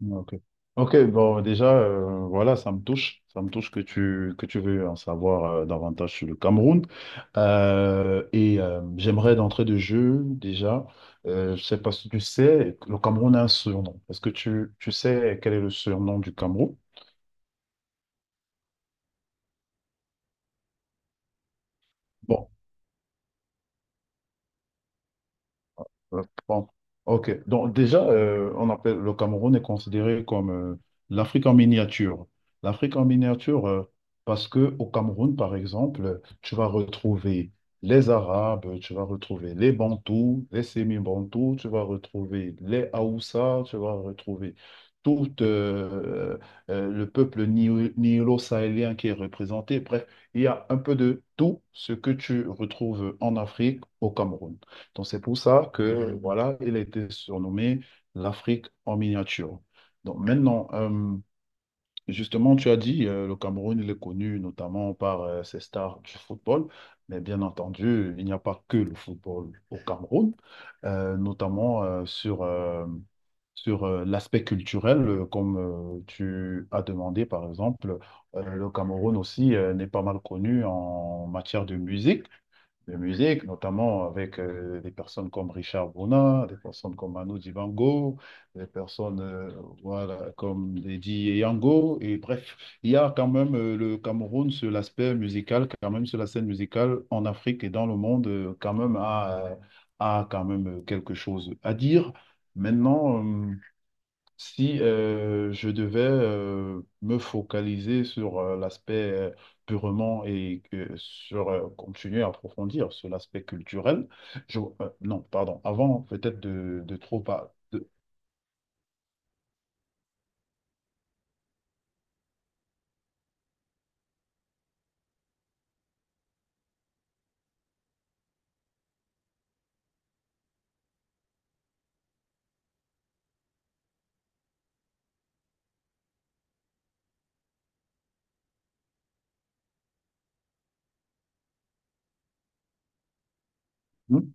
Ouais. Ok. Ok, bon, déjà, voilà, ça me touche. Ça me touche que que tu veux en savoir davantage sur le Cameroun. J'aimerais d'entrée de jeu, déjà, je sais pas si tu sais, le Cameroun a un surnom. Est-ce que tu sais quel est le surnom du Cameroun? Bon. Ouais. Bon, ok. Donc déjà, on appelle le Cameroun est considéré comme l'Afrique en miniature. L'Afrique en miniature, parce que au Cameroun, par exemple, tu vas retrouver les Arabes, tu vas retrouver les Bantous, les Sémi-Bantous, tu vas retrouver les Haoussa, tu vas retrouver tout le peuple nilo-sahélien qui est représenté. Bref, il y a un peu de tout ce que tu retrouves en Afrique au Cameroun. Donc, c'est pour ça que, voilà, il a été surnommé l'Afrique en miniature. Donc, maintenant, justement, tu as dit, le Cameroun, il est connu notamment par ses stars du football. Mais bien entendu, il n'y a pas que le football au Cameroun, notamment sur, sur l'aspect culturel, comme tu as demandé, par exemple, le Cameroun aussi n'est pas mal connu en matière de musique, notamment avec des personnes comme Richard Bruna, des personnes comme Manu Dibango, des personnes voilà, comme Lady Yango. Et bref, il y a quand même le Cameroun sur l'aspect musical, quand même sur la scène musicale en Afrique et dans le monde, quand même a, a quand même quelque chose à dire. Maintenant, si je devais me focaliser sur l'aspect purement et que sur continuer à approfondir sur l'aspect culturel, non, pardon, avant peut-être de trop Hmm.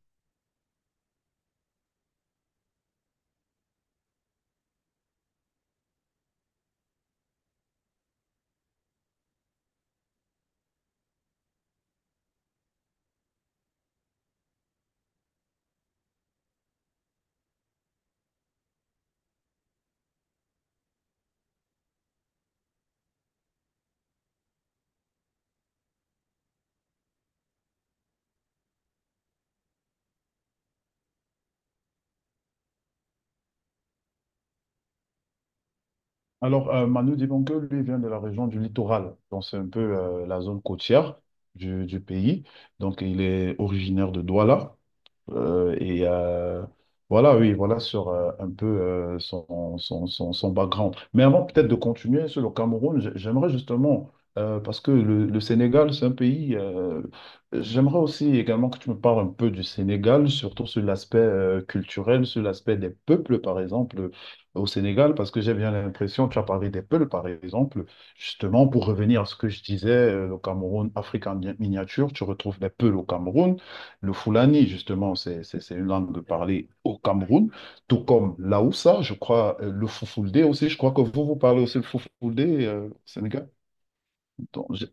Alors, Manu Dibango, lui, vient de la région du littoral, donc c'est un peu la zone côtière du pays. Donc, il est originaire de Douala. Euh, et euh, voilà, oui, voilà sur un peu son background. Mais avant peut-être de continuer sur le Cameroun, j'aimerais justement, parce que le Sénégal, c'est un pays, j'aimerais aussi également que tu me parles un peu du Sénégal, surtout sur l'aspect culturel, sur l'aspect des peuples, par exemple, au Sénégal, parce que j'ai bien l'impression, tu as parlé des peuples, par exemple, justement, pour revenir à ce que je disais, le Cameroun, Afrique en miniature, tu retrouves des peuples au Cameroun. Le Fulani, justement, c'est une langue parlée au Cameroun, tout comme l'Aoussa, je crois, le Foufoulde aussi. Je crois que vous parlez aussi le Foufoulde au Sénégal. Donc, je-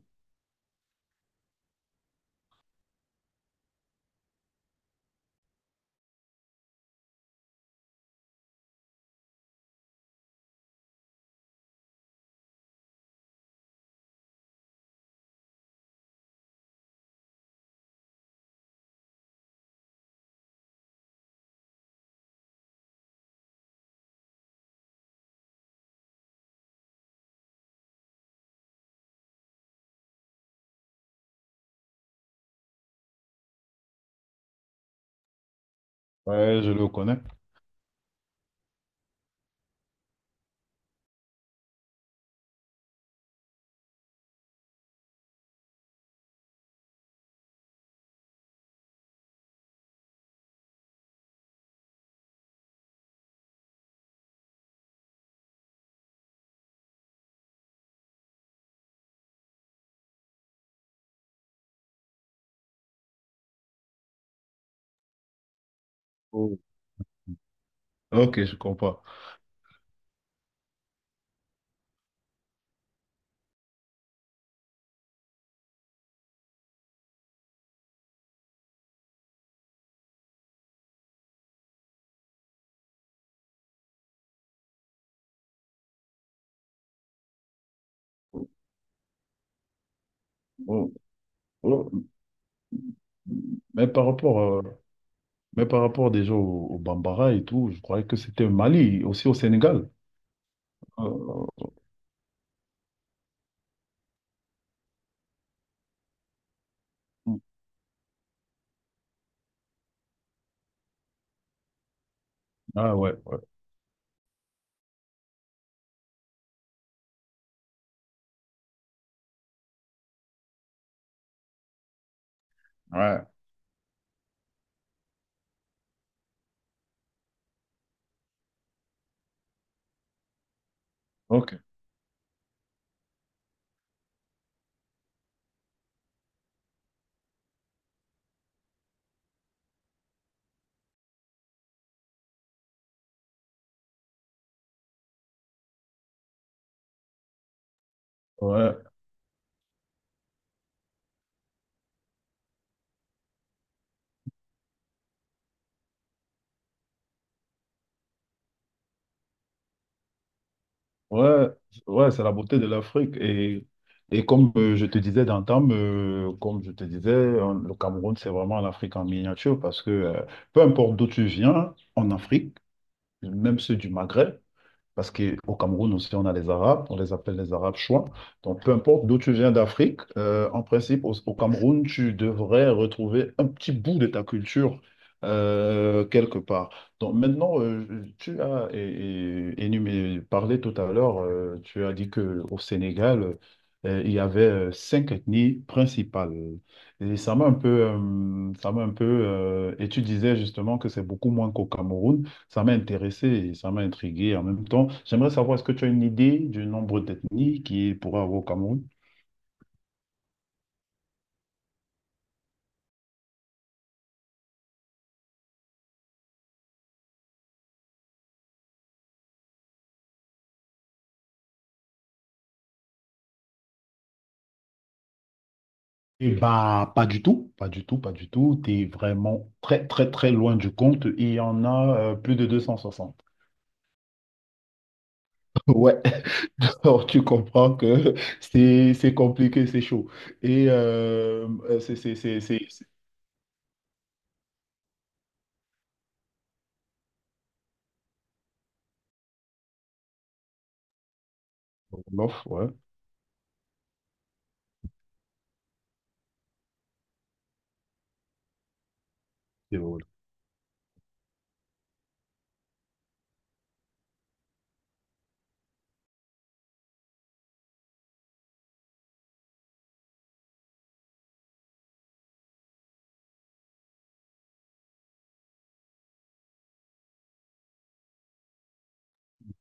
ouais, je le connais. Oh. Ok, je comprends. Oh, oh. Mais par rapport, euh, mais par rapport déjà au Bambara et tout, je croyais que c'était au Mali, aussi au Sénégal. Euh, ah ouais, ok. Ouais. Ouais, ouais, c'est la beauté de l'Afrique. Et comme je te disais d'antan, comme je te disais, le Cameroun, c'est vraiment l'Afrique en miniature parce que peu importe d'où tu viens en Afrique, même ceux du Maghreb, parce qu'au Cameroun aussi, on a les Arabes, on les appelle les Arabes chouans. Donc, peu importe d'où tu viens d'Afrique, en principe, au Cameroun, tu devrais retrouver un petit bout de ta culture quelque part. Donc, maintenant, tu as parlé tout à l'heure, tu as dit qu'au Sénégal, il y avait cinq ethnies principales. Et ça m'a un peu, ça m'a un peu, et tu disais justement que c'est beaucoup moins qu'au Cameroun. Ça m'a intéressé et ça m'a intrigué en même temps. J'aimerais savoir, est-ce que tu as une idée du nombre d'ethnies qu'il pourrait avoir au Cameroun? Eh bah, pas du tout, pas du tout, pas du tout. Tu es vraiment très, très, très loin du compte. Il y en a plus de 260. Ouais, alors tu comprends que c'est compliqué, c'est chaud. C'est Wolof, ouais. C'est.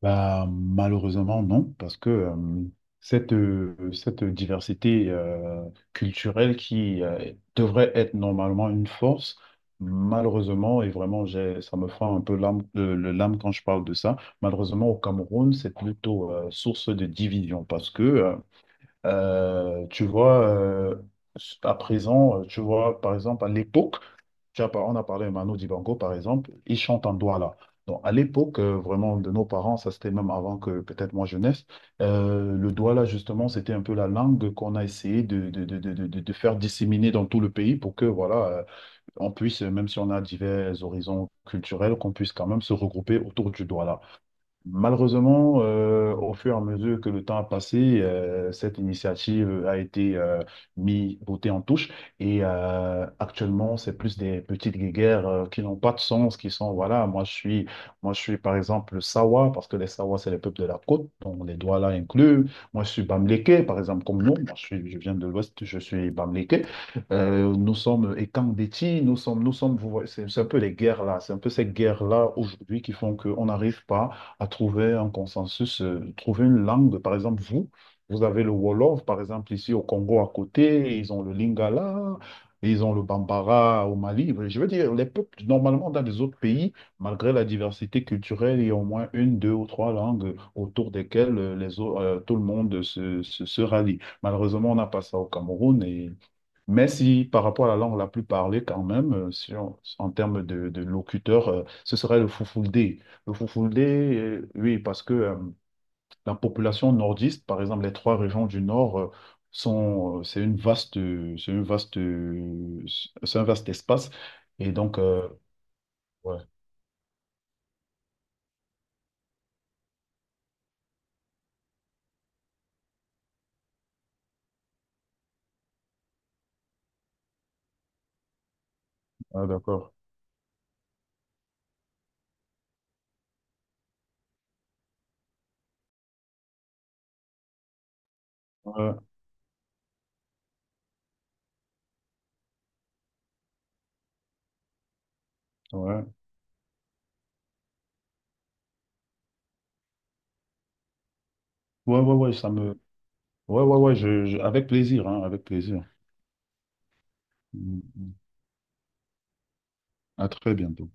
Bah, malheureusement, non, parce que cette diversité culturelle qui devrait être normalement une force, malheureusement, et vraiment, j'ai, ça me fend un peu l'âme, l'âme quand je parle de ça, malheureusement, au Cameroun, c'est plutôt source de division, parce que, tu vois, à présent, tu vois, par exemple, à l'époque, on a parlé de Manu Dibango, par exemple, il chante en Douala. Donc, à l'époque, vraiment, de nos parents, ça c'était même avant que peut-être moi je naisse, le Douala, justement, c'était un peu la langue qu'on a essayé de faire disséminer dans tout le pays pour que, voilà, on puisse, même si on a divers horizons culturels, qu'on puisse quand même se regrouper autour du Douala. Malheureusement, au fur et à mesure que le temps a passé, cette initiative a été mise, botée en touche. Et actuellement, c'est plus des petites guéguerres qui n'ont pas de sens, qui sont, voilà, moi je suis par exemple Sawa, parce que les Sawa, c'est les peuples de la côte, donc les Douala inclus. Moi, je suis Bamléké, par exemple, comme nous. Moi, je viens de l'Ouest, je suis Bamléké. Nous sommes Ekangdéti, vous voyez, c'est un peu les guerres là, c'est un peu ces guerres là aujourd'hui qui font qu'on n'arrive pas à trouver un consensus, trouver une langue. Par exemple, vous avez le Wolof, par exemple, ici au Congo à côté, ils ont le Lingala, ils ont le Bambara au Mali. Enfin, je veux dire, les peuples, normalement, dans les autres pays, malgré la diversité culturelle, il y a au moins une, deux ou trois langues autour desquelles tout le monde se rallie. Malheureusement, on n'a pas ça au Cameroun. Et mais si par rapport à la langue la plus parlée, quand même, si on- en termes de locuteur, ce serait le Fulfulde. Le Fulfulde, oui, parce que la population nordiste, par exemple, les 3 régions du nord, sont, c'est une vaste, c'est un vaste espace. Et donc, ouais. Ah, d'accord. Ouais, ouais, ouais, ouais, ouais, ça me, ouais, avec plaisir, hein, avec plaisir. Mm, mm. À très bientôt.